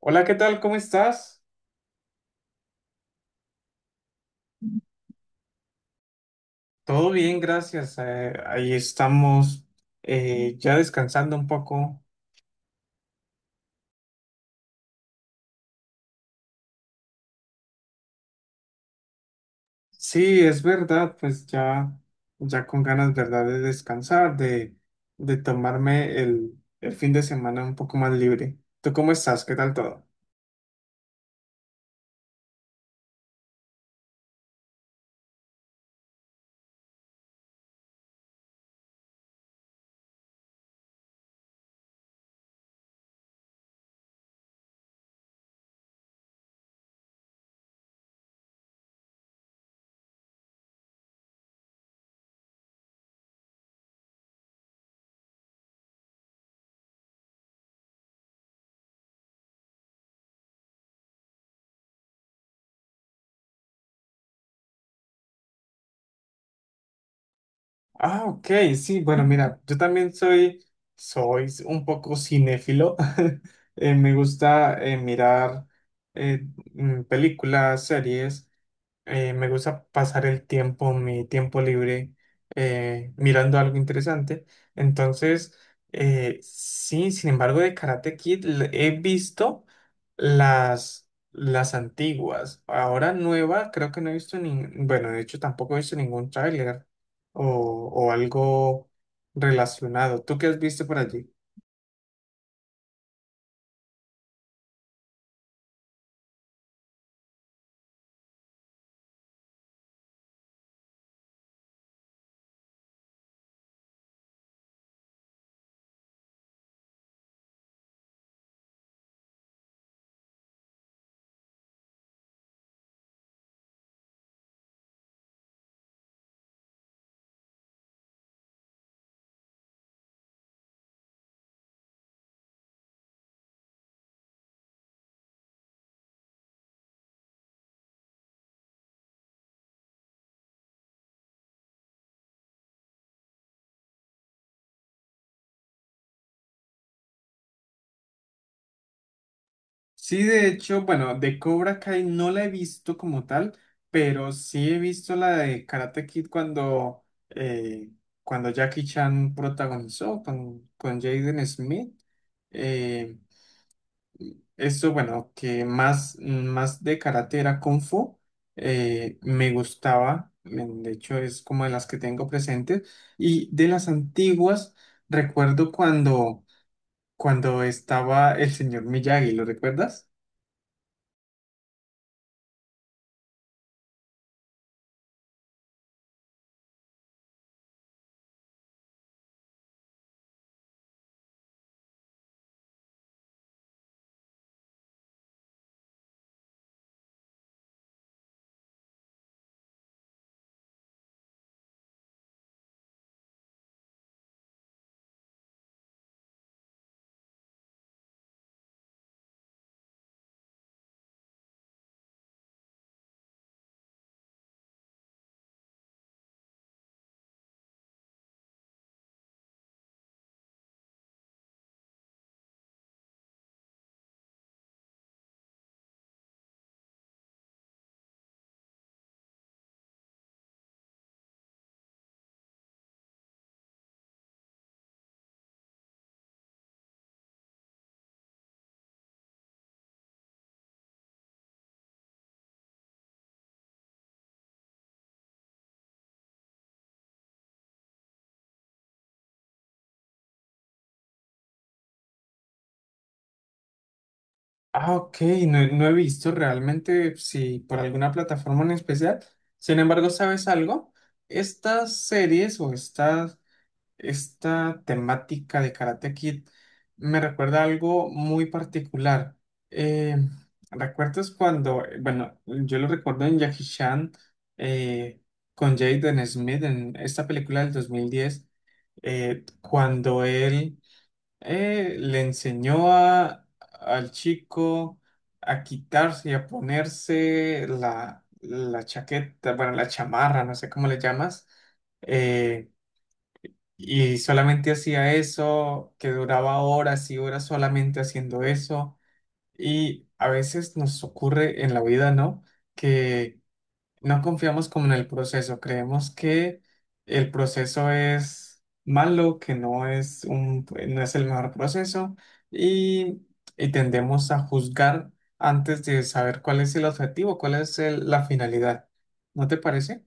Hola, ¿qué tal? ¿Cómo estás? Todo bien, gracias. Ahí estamos, ya descansando un poco. Sí, es verdad, pues ya, ya con ganas, ¿verdad? De descansar, de tomarme el fin de semana un poco más libre. ¿Tú cómo estás? ¿Qué tal todo? Ah, ok, sí, bueno, mira, yo también soy, soy un poco cinéfilo. Me gusta mirar eh, películas, series. Me gusta pasar el tiempo, mi tiempo libre, mirando algo interesante. Entonces, sí, sin embargo, de Karate Kid he visto las antiguas. Ahora nueva, creo que no he visto ni, bueno, de hecho tampoco he visto ningún tráiler o, o algo relacionado. ¿Tú qué has visto por allí? Sí, de hecho, bueno, de Cobra Kai no la he visto como tal, pero sí he visto la de Karate Kid cuando, cuando Jackie Chan protagonizó con Jaden Smith. Eh, Esto, bueno, que más, más de karate era Kung Fu, me gustaba, de hecho es como de las que tengo presentes, y de las antiguas, recuerdo cuando, cuando estaba el señor Miyagi, ¿lo recuerdas? Ah, ok, no, no he visto realmente si por alguna plataforma en especial. Sin embargo, ¿sabes algo? Estas series o esta temática de Karate Kid me recuerda a algo muy particular. Eh, ¿Recuerdas cuando, bueno, yo lo recuerdo en Jackie Chan eh, con Jaden Smith en esta película del 2010, cuando él le enseñó a, al chico a quitarse y a ponerse la, la chaqueta, bueno, la chamarra, no sé cómo le llamas. eh, y solamente hacía eso, que duraba horas y horas solamente haciendo eso. Y a veces nos ocurre en la vida, ¿no? Que no confiamos como en el proceso, creemos que el proceso es malo, que no es un, no es el mejor proceso y, y tendemos a juzgar antes de saber cuál es el objetivo, cuál es la finalidad. ¿No te parece?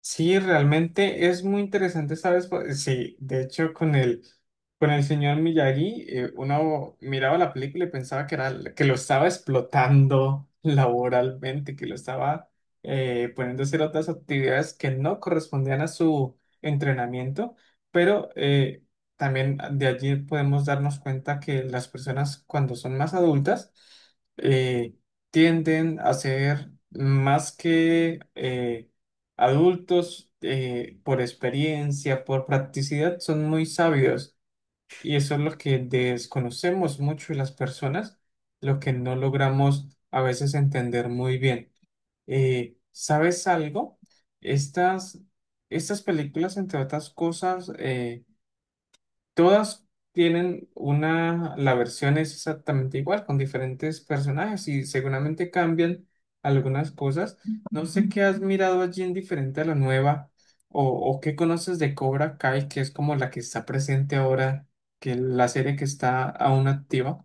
Sí, realmente es muy interesante, ¿sabes? Pues, sí, de hecho, con el señor Miyagi, uno miraba la película y pensaba que, era, que lo estaba explotando laboralmente, que lo estaba poniendo a hacer otras actividades que no correspondían a su entrenamiento, pero también de allí podemos darnos cuenta que las personas cuando son más adultas, eh, tienden a ser más que... adultos, por experiencia, por practicidad, son muy sabios y eso es lo que desconocemos mucho de las personas, lo que no logramos a veces entender muy bien. ¿Sabes algo? Estas, estas películas, entre otras cosas, todas tienen una, la versión es exactamente igual, con diferentes personajes y seguramente cambian algunas cosas. No sé qué has mirado allí en diferente a la nueva o qué conoces de Cobra Kai, que es como la que está presente ahora, que la serie que está aún activa.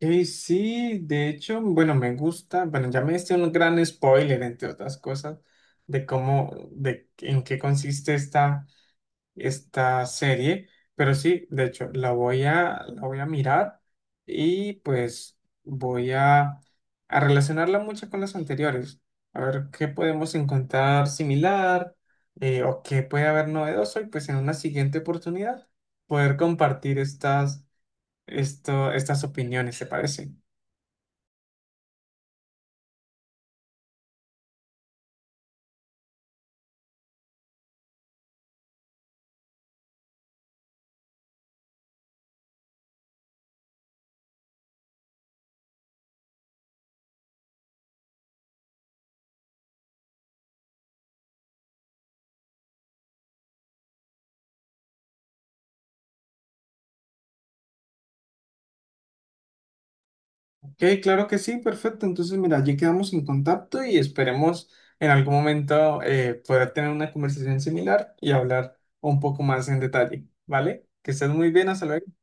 Sí, de hecho, bueno, me gusta, bueno, ya me diste un gran spoiler, entre otras cosas, de cómo, de en qué consiste esta esta serie, pero sí, de hecho, la voy a mirar y pues voy a relacionarla mucho con las anteriores, a ver qué podemos encontrar similar o qué puede haber novedoso y pues en una siguiente oportunidad poder compartir estas, esto, estas opiniones, ¿te parece? Ok, claro que sí, perfecto. Entonces, mira, allí quedamos en contacto y esperemos en algún momento poder tener una conversación similar y hablar un poco más en detalle, ¿vale? Que estés muy bien, hasta luego.